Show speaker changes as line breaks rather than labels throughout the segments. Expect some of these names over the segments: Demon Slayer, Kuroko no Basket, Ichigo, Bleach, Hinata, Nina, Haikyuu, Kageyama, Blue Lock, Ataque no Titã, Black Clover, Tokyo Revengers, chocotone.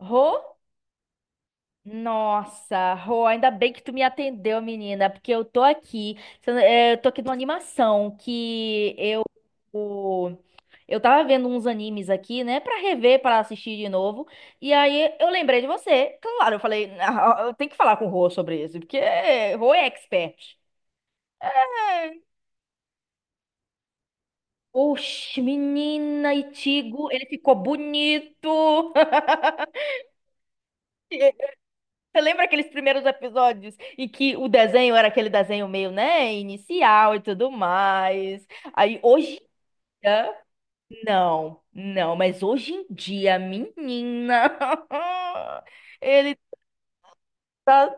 Rô? Nossa, Rô, ainda bem que tu me atendeu, menina, porque eu tô aqui, se eu não- eh, eu tô aqui numa animação que o- eu tava vendo uns animes aqui, né, pra rever, pra assistir de novo. E aí eu lembrei de você. Claro, eu falei: "Ah, eu tenho que falar com o Rô sobre isso, porque Rô é expert." É. Oxe, menina, Itigo, ele ficou bonito. Você lembra aqueles primeiros episódios em que o desenho era aquele desenho meio, né, inicial e tudo mais? Aí hoje em dia, não, não, mas hoje em dia, menina, ele tá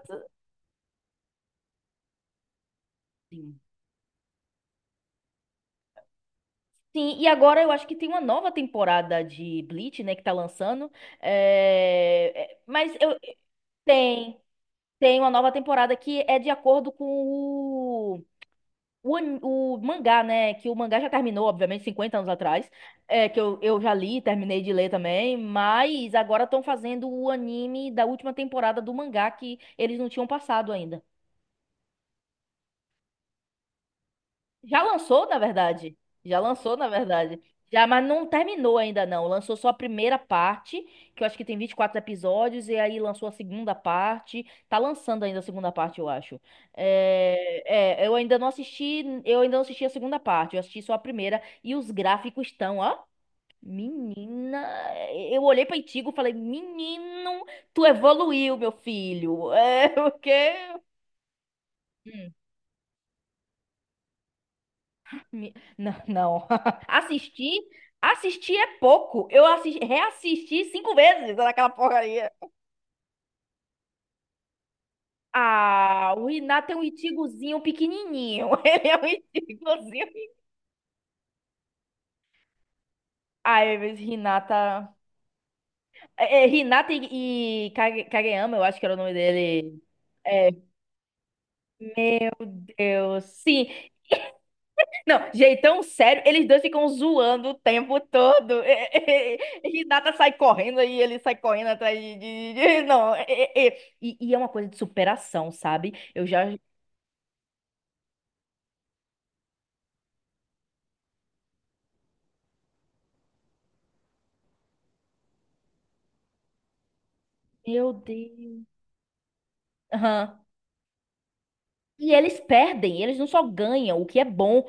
assim. Sim, e agora eu acho que tem uma nova temporada de Bleach, né, que tá lançando. É, é, Mas eu tem, tem uma nova temporada que é de acordo com o mangá, né? Que o mangá já terminou, obviamente, 50 anos atrás. É, que eu já li, terminei de ler também. Mas agora estão fazendo o anime da última temporada do mangá que eles não tinham passado ainda. Já lançou, na verdade. Já lançou, na verdade. Já, mas não terminou ainda, não. Lançou só a primeira parte, que eu acho que tem 24 episódios, e aí lançou a segunda parte. Tá lançando ainda a segunda parte, eu acho. É, é, eu ainda não assisti a segunda parte, eu assisti só a primeira, e os gráficos estão, ó. Menina, eu olhei pra Itigo e falei, menino, tu evoluiu, meu filho. É, o quê? Não, não. Assistir, assistir é pouco. Eu reassisti 5 vezes naquela porcaria. Ah, o Renata é um Ichigozinho pequenininho. Ele é um Ichigozinho. Ai, mas Hinata... É, é, Hinata e, e Kageyama, eu acho que era o nome dele. É, meu Deus. Sim. Não, jeitão sério, eles dois ficam zoando o tempo todo. Renata sai correndo e ele sai correndo atrás de. Não. E é uma coisa de superação, sabe? Eu já. Meu Deus. Aham. E eles perdem, eles não só ganham, o que é bom.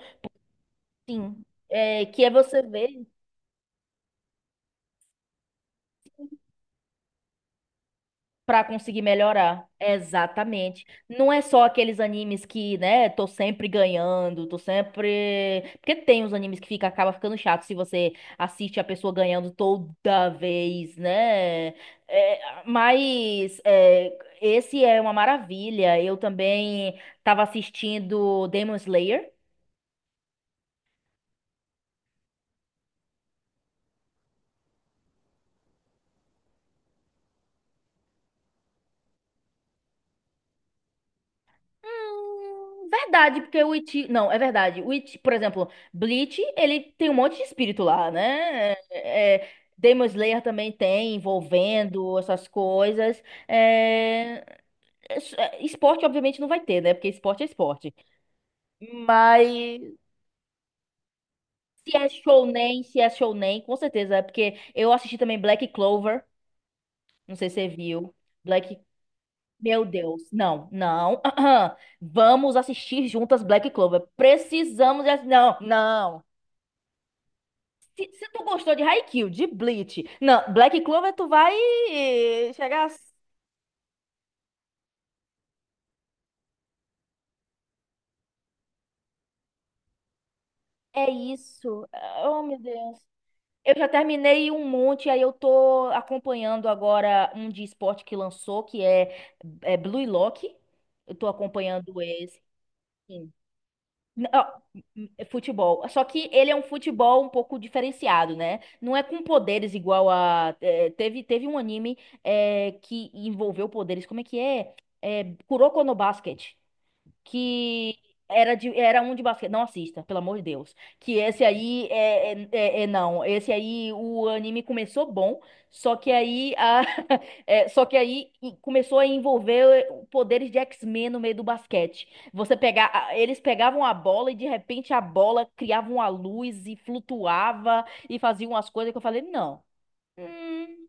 Sim. É, que é você ver. Pra conseguir melhorar. Exatamente. Não é só aqueles animes que, né, tô sempre ganhando, tô sempre. Porque tem os animes que fica, acaba ficando chato se você assiste a pessoa ganhando toda vez, né? É, mas é, esse é uma maravilha. Eu também tava assistindo Demon Slayer. Verdade, porque o Iti. Não, é verdade. O Iti... Por exemplo, Bleach, ele tem um monte de espírito lá, né? É... Demon Slayer também tem, envolvendo essas coisas. É, é, esporte, obviamente, não vai ter, né? Porque esporte é esporte. Mas se é shounen, se é shounen, com certeza. É porque eu assisti também Black Clover. Não sei se você viu. Black Meu Deus, não, não. Vamos assistir juntas Black Clover. Precisamos. Não, não. Se tu gostou de Haikyuu, de Bleach, não, Black Clover, tu vai chegar. É isso. Oh, meu Deus. Eu já terminei um monte, aí eu tô acompanhando agora um de esporte que lançou, que é, é Blue Lock. Eu tô acompanhando esse. N- ó, é futebol. Só que ele é um futebol um pouco diferenciado, né? Não é com poderes igual a. É, teve, teve um anime é, que envolveu poderes. Como é que é? É, Kuroko no Basket que era, de, era um de basquete. Não assista, pelo amor de Deus. Que esse aí é, é, não. Esse aí o anime começou bom, só que aí a, é, só que aí começou a envolver poderes de X-Men no meio do basquete. Você pegar, eles pegavam a bola e de repente a bola criava uma luz e flutuava e fazia umas coisas que eu falei, não. Hum,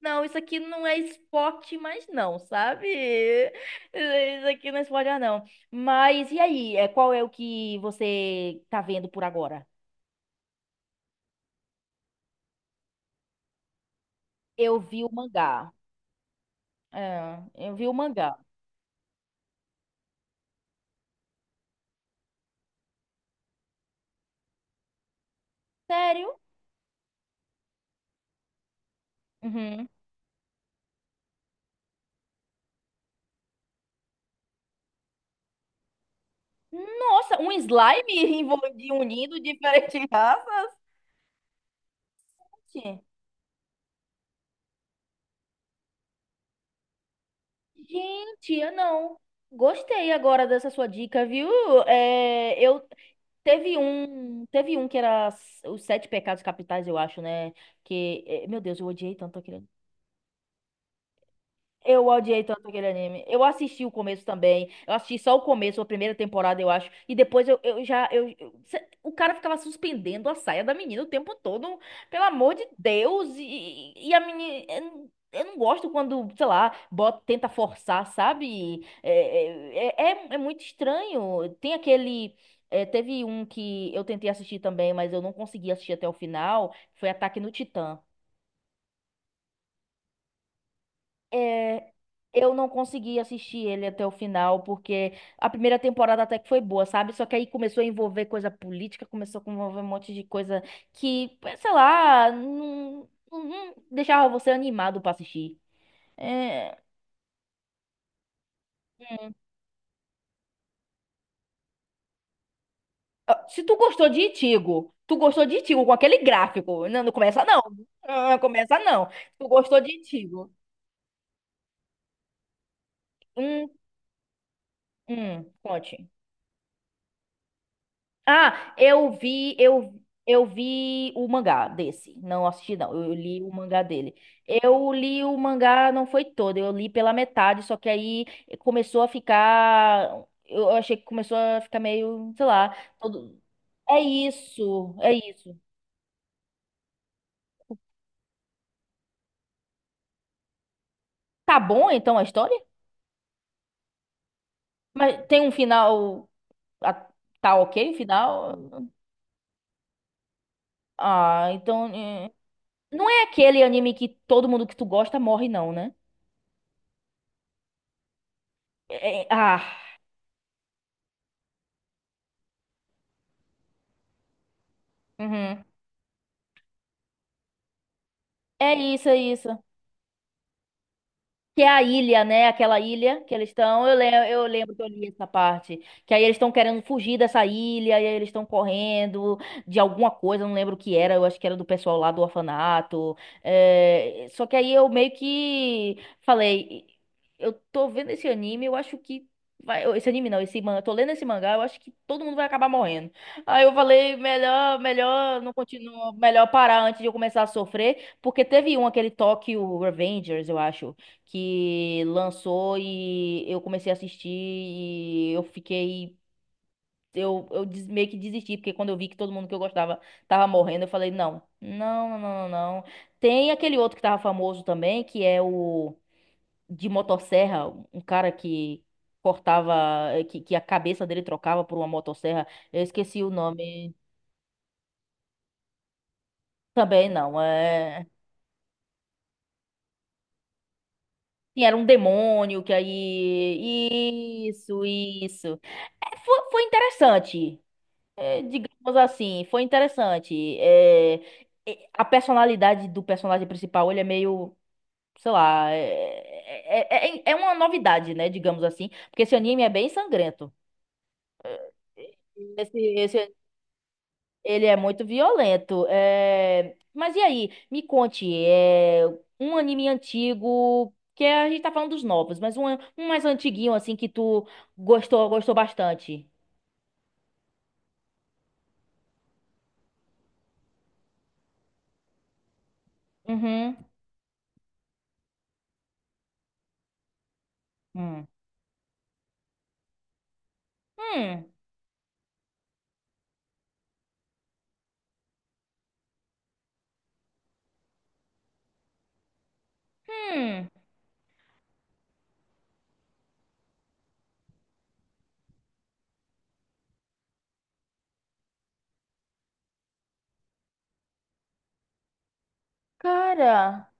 não, isso aqui não é esporte, mas não, sabe? Isso aqui não é esporte, mas não. Mas e aí? É, qual é o que você tá vendo por agora? Eu vi o mangá. É, eu vi o mangá. Sério? Uhum. Nossa, um slime envolvido, unido, diferente de raça? Gente, eu não. Gostei agora dessa sua dica, viu? É, eu teve um que era os sete pecados capitais, eu acho, né? Que, é, meu Deus, eu odiei tanto aquele. Eu odiei tanto aquele anime. Eu assisti o começo também. Eu assisti só o começo, a primeira temporada, eu acho. E depois eu já. O cara ficava suspendendo a saia da menina o tempo todo. Pelo amor de Deus. E a menina. Eu, não, eu não gosto quando, sei lá, bota, tenta forçar, sabe? É, é muito estranho. Tem aquele. É, teve um que eu tentei assistir também, mas eu não consegui assistir até o final. Foi Ataque no Titã. É, eu não consegui assistir ele até o final, porque a primeira temporada até que foi boa, sabe? Só que aí começou a envolver coisa política, começou a envolver um monte de coisa que, sei lá, não, não deixava você animado pra assistir. É, ah, se tu gostou de Itigo, tu gostou de Itigo com aquele gráfico, não, não começa não, não começa não. Tu gostou de Itigo. Hum, conte. Ah, eu vi o mangá desse. Não assisti, não. Eu li o mangá dele. Eu li o mangá, não foi todo, eu li pela metade, só que aí começou a ficar. Eu achei que começou a ficar meio, sei lá. É isso, é isso. Tá bom então a história? Mas tem um final. ah, Tá ok o final? Ah, então. Não é aquele anime que todo mundo que tu gosta morre, não, né? Ah. Uhum. É isso, é isso. Que é a ilha, né? Aquela ilha que eles estão. Eu, eu lembro que eu li essa parte. Que aí eles estão querendo fugir dessa ilha, e aí eles estão correndo de alguma coisa, eu não lembro o que era, eu acho que era do pessoal lá do orfanato. É, só que aí eu meio que falei, eu tô vendo esse anime, eu acho que. Esse anime não, esse mangá. Eu tô lendo esse mangá, eu acho que todo mundo vai acabar morrendo. Aí eu falei, melhor, melhor não continuar, melhor parar antes de eu começar a sofrer, porque teve um, aquele Tokyo Revengers, eu acho que lançou e eu comecei a assistir e eu fiquei. Eu, meio que desisti, porque quando eu vi que todo mundo que eu gostava tava morrendo, eu falei, não, não, não, não, não. Não. Tem aquele outro que tava famoso também, que é o de motosserra, um cara que cortava, que a cabeça dele trocava por uma motosserra. Eu esqueci o nome. Também não, é... Sim, era um demônio que aí... Isso, isso. É, foi interessante. É, digamos assim, foi interessante. A personalidade do personagem principal, ele é meio, sei lá, é uma novidade, né? Digamos assim, porque esse anime é bem sangrento. Esse, esse, ele é muito violento. É, mas e aí? Me conte, é, um anime antigo, que é, a gente tá falando dos novos, mas um mais antiguinho, assim, que tu gostou, gostou bastante. Uhum. Hum. Hum. Hum. Cara.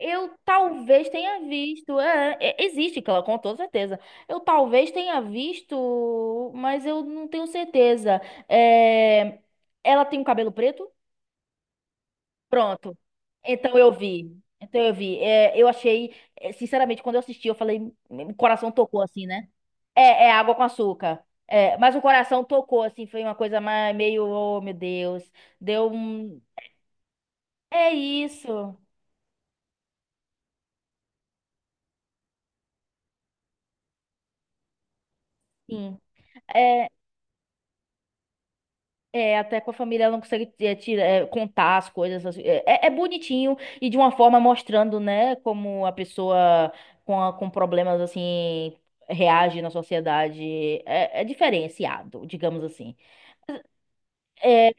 Eu talvez tenha visto. É, é, existe, claro, com toda certeza. Eu talvez tenha visto, mas eu não tenho certeza. É, ela tem um cabelo preto? Pronto. Então eu vi. Então eu vi. É, eu achei, é, sinceramente, quando eu assisti, eu falei, o coração tocou assim, né? É, é água com açúcar. É, mas o coração tocou, assim, foi uma coisa mais, meio, oh meu Deus. Deu um. É isso. Sim. É, É, até com a família ela não consegue é, tirar, é, contar as coisas, assim. É, é bonitinho e de uma forma mostrando, né, como a pessoa com, com problemas assim reage na sociedade. É, é diferenciado, digamos assim. É.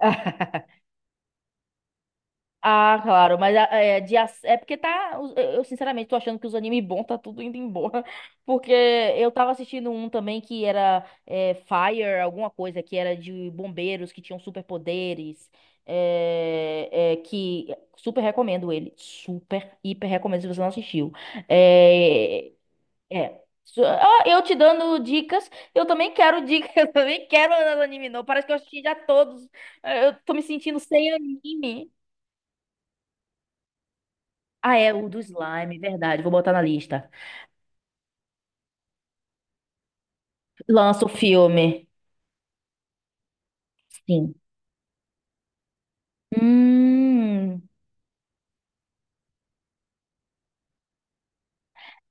Ah, claro, mas é porque tá. Eu, sinceramente tô achando que os animes bons tá tudo indo embora. Porque eu tava assistindo um também que era é, Fire, alguma coisa, que era de bombeiros que tinham superpoderes. É, que super recomendo ele. Super, hiper recomendo se você não assistiu. É, é. Eu te dando dicas, eu também quero dicas, eu também quero anime, não. Parece que eu assisti já todos. Eu tô me sentindo sem anime. Ah, é o do slime, verdade. Vou botar na lista. Lança o filme. Sim. Hum,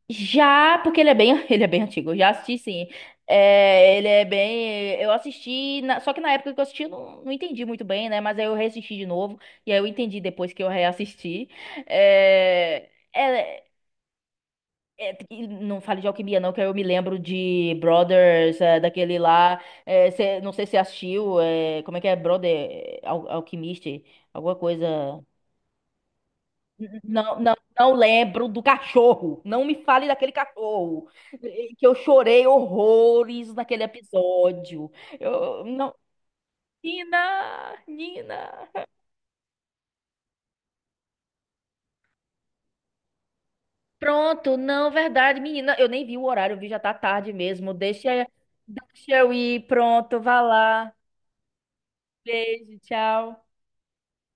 já, porque ele é bem, ele é bem antigo. Eu já assisti, sim. É, ele é bem. Eu assisti, só que na época que eu assisti, eu não, não entendi muito bem, né? Mas aí eu reassisti de novo. E aí eu entendi depois que eu reassisti. É, é, É, e não fale de alquimia, não, que eu me lembro de Brothers, é, daquele lá. É, não sei se você assistiu. É, como é que é? Brother, é, al Alquimista, alguma coisa. Não, não, não lembro do cachorro. Não me fale daquele cachorro. Que eu chorei horrores naquele episódio. Eu, não. Nina, Nina. Pronto, não, verdade, menina. Eu nem vi o horário, eu vi já tá tarde mesmo. Deixa, deixa eu ir, pronto, vá lá. Beijo, tchau.